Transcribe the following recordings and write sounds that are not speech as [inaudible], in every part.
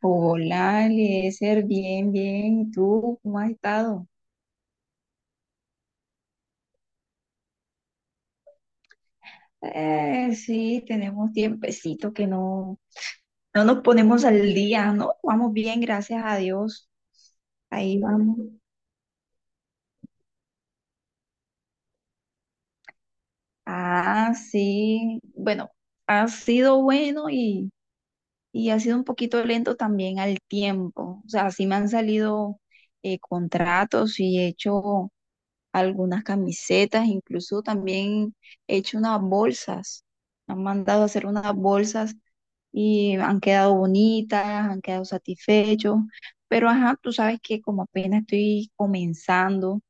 Hola, Eliezer, bien, bien. ¿Y tú cómo has estado? Sí, tenemos tiempecito que no, no nos ponemos al día, ¿no? Vamos bien, gracias a Dios. Ahí vamos. Ah, sí. Bueno, ha sido bueno y ha sido un poquito lento también al tiempo. O sea, sí me han salido contratos y he hecho algunas camisetas, incluso también he hecho unas bolsas. Han mandado a hacer unas bolsas y han quedado bonitas, han quedado satisfechos. Pero ajá, tú sabes que como apenas estoy comenzando,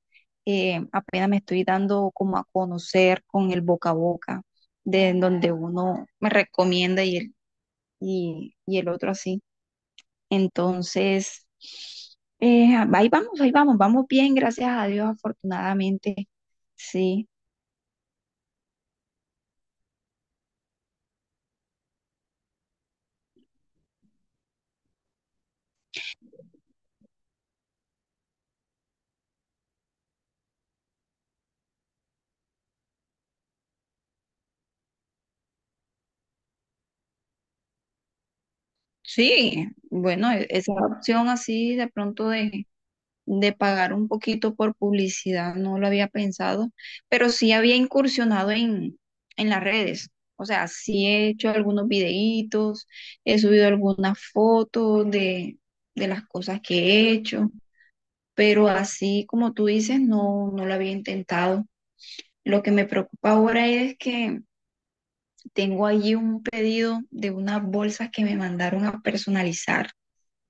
apenas me estoy dando como a conocer con el boca a boca, de en donde uno me recomienda y el otro así. Entonces, ahí vamos, vamos bien, gracias a Dios, afortunadamente. Sí, sí, bueno, esa opción así de pronto de pagar un poquito por publicidad no lo había pensado, pero sí había incursionado en las redes. O sea, sí he hecho algunos videitos, he subido algunas fotos de las cosas que he hecho, pero así como tú dices, no, no lo había intentado. Lo que me preocupa ahora es que tengo allí un pedido de unas bolsas que me mandaron a personalizar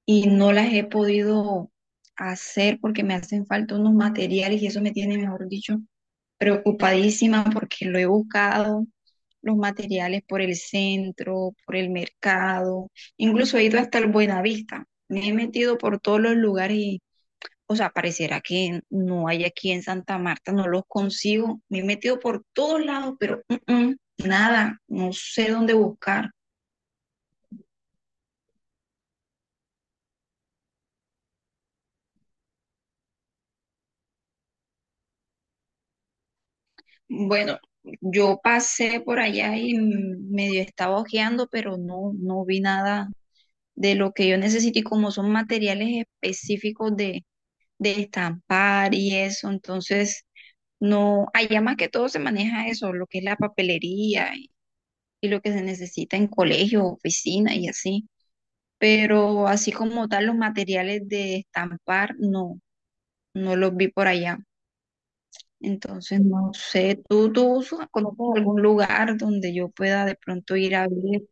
y no las he podido hacer porque me hacen falta unos materiales y eso me tiene, mejor dicho, preocupadísima porque lo he buscado, los materiales por el centro, por el mercado, incluso he ido hasta el Buenavista, me he metido por todos los o sea, pareciera que no hay aquí en Santa Marta, no los consigo, me he metido por todos lados, pero mm, mm, nada, no sé dónde buscar. Bueno, yo pasé por allá y medio estaba hojeando, pero no, no vi nada de lo que yo necesito. Y como son materiales específicos de estampar y eso, entonces no, allá más que todo se maneja eso, lo que es la papelería y lo que se necesita en colegio, oficina y así. Pero así como tal, los materiales de estampar, no, no los vi por allá. Entonces, no sé, conoces algún lugar donde yo pueda de pronto ir a ver?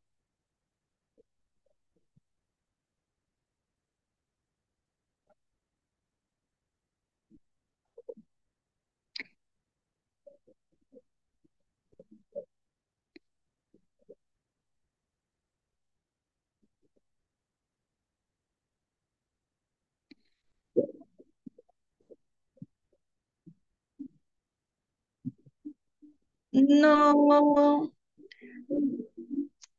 No,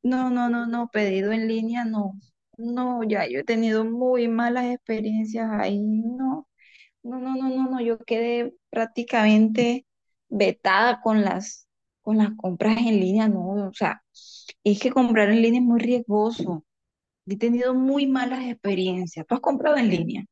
no, no, no, no, pedido en línea no. No, ya yo he tenido muy malas experiencias ahí. No, no, no, no, no, no. Yo quedé prácticamente vetada con las compras en línea, no. O sea, es que comprar en línea es muy riesgoso. He tenido muy malas experiencias. ¿Tú has comprado en línea?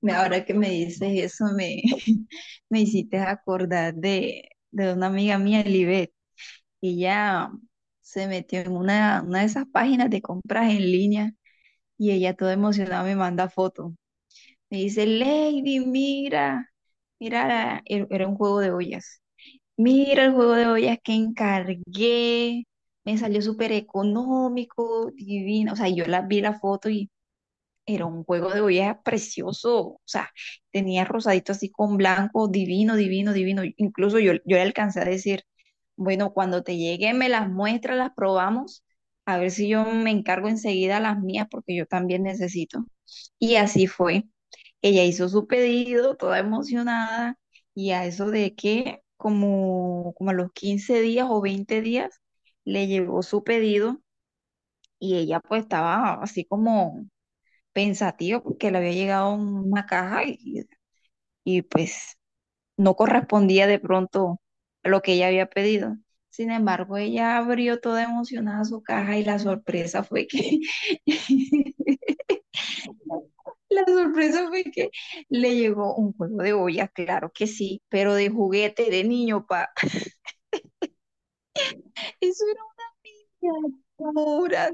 Ahora que me dices eso, me, [laughs] me hiciste acordar de una amiga mía, Libet, y ella se metió en una de esas páginas de compras en línea y ella toda emocionada me manda fotos. Me dice, Lady, mira, mira, Era un juego de ollas. Mira el juego de ollas que encargué, me salió súper económico, divino. O sea, yo la vi la foto era un juego de ollas precioso, o sea, tenía rosadito así con blanco, divino, divino, divino. Incluso yo le alcancé a decir, bueno, cuando te llegue me las muestras, las probamos, a ver si yo me encargo enseguida las mías porque yo también necesito. Y así fue. Ella hizo su pedido, toda emocionada, y a eso de que como a los 15 días o 20 días le llegó su pedido y ella pues estaba así como pensativo porque le había llegado una caja y pues no correspondía de pronto a lo que ella había pedido. Sin embargo, ella abrió toda emocionada su caja y la sorpresa fue que [laughs] la sorpresa fue que le llegó un juego de ollas, claro que sí, pero de juguete de niño, pa. [laughs] Eso era una locura.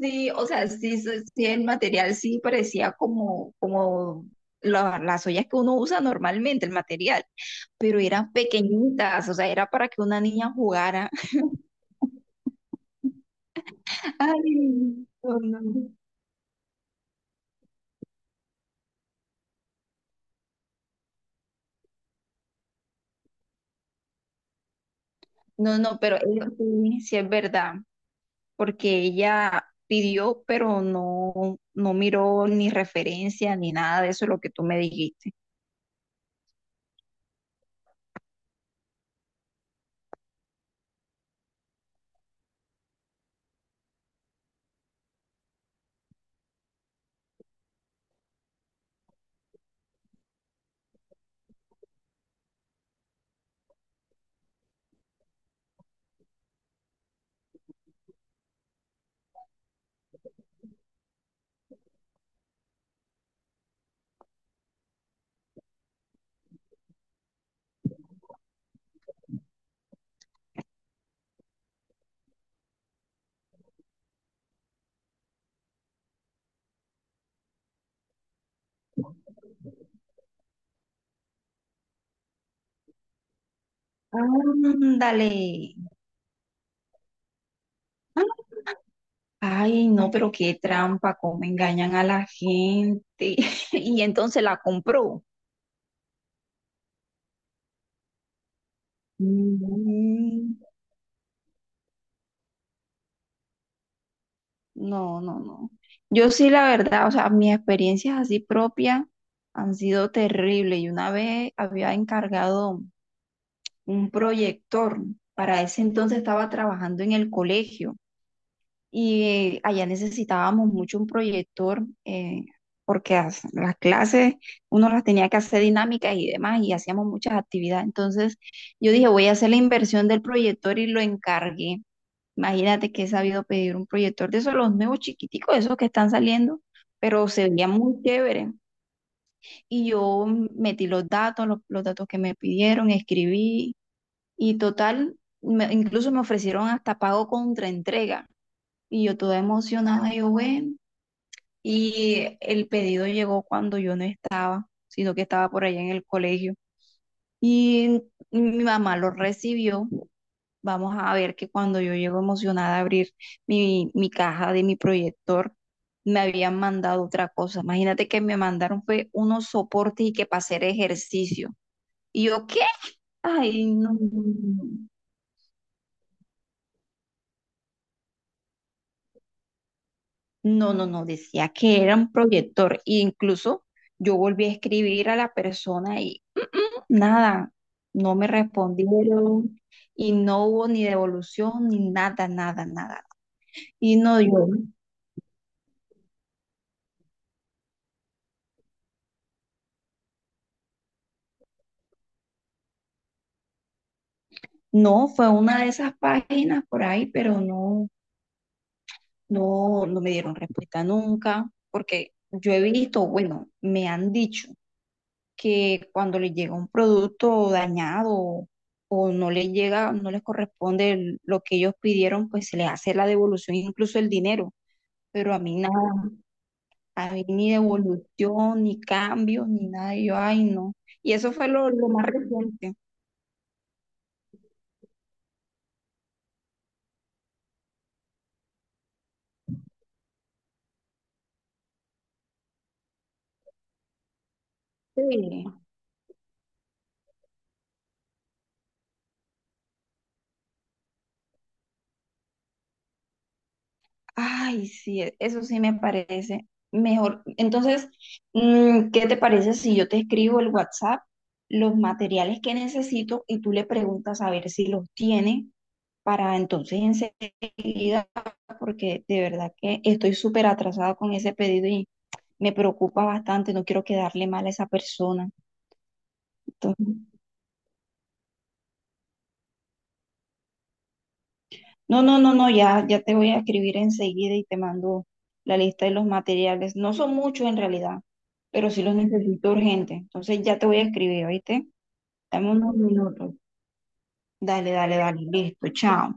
Sí, o sea, sí, sí, sí, el material sí parecía como, como las ollas que uno usa normalmente, el material, pero eran pequeñitas, o sea, era para que una niña jugara. [laughs] Ay, no, no. No, no, pero ella sí, sí es verdad, porque ella pidió, pero no, no miró ni referencia ni nada de eso, lo que tú me dijiste. Ándale. Ay, no, pero qué trampa, cómo engañan a la gente. [laughs] Y entonces la compró. Mm, no, no, no. Yo sí, la verdad, o sea, mis experiencias así propias han sido terribles. Y una vez había encargado un proyector. Para ese entonces estaba trabajando en el colegio. Y allá necesitábamos mucho un proyector porque las clases uno las tenía que hacer dinámicas y demás y hacíamos muchas actividades. Entonces yo dije, voy a hacer la inversión del proyector y lo encargué. Imagínate que he sabido pedir un proyector de esos, los nuevos chiquiticos, esos que están saliendo, pero se veía muy chévere. Y yo metí los datos, los datos que me pidieron, escribí y total, incluso me ofrecieron hasta pago contra entrega y yo toda emocionada, yo, bueno, y el pedido llegó cuando yo no estaba, sino que estaba por allá en el colegio. Y mi mamá lo recibió. Vamos a ver que cuando yo llego emocionada a abrir mi caja de mi proyector, me habían mandado otra cosa. Imagínate que me mandaron fue unos soportes y que para hacer ejercicio. Y yo, ¿qué? Ay, no. No, no, no. No, no, no, decía que era un proyector. E incluso yo volví a escribir a la persona y [clears throat] "Mm", nada, no me respondieron y no hubo ni devolución ni nada, nada, nada. Y no, yo, no, fue una de esas páginas por ahí, pero no, no, no me dieron respuesta nunca, porque yo he visto, bueno, me han dicho que cuando les llega un producto dañado o no les llega, no les corresponde lo que ellos pidieron, pues se les hace la devolución, incluso el dinero. Pero a mí nada, a mí ni devolución, ni cambio, ni nada. Y yo, ay, no. Y eso fue lo más reciente. Sí. Ay, sí, eso sí me parece mejor. Entonces, mm, ¿qué te parece si yo te escribo el WhatsApp, los materiales que necesito y tú le preguntas a ver si los tiene para entonces enseguida, porque de verdad que estoy súper atrasada con ese pedido y me preocupa bastante, no quiero quedarle mal a esa persona. No, no, no, no, ya, ya te voy a escribir enseguida y te mando la lista de los materiales. No son muchos en realidad, pero sí los necesito urgente. Entonces ya te voy a escribir, ¿oíste? Dame unos minutos. Dale, dale, dale. Listo, chao.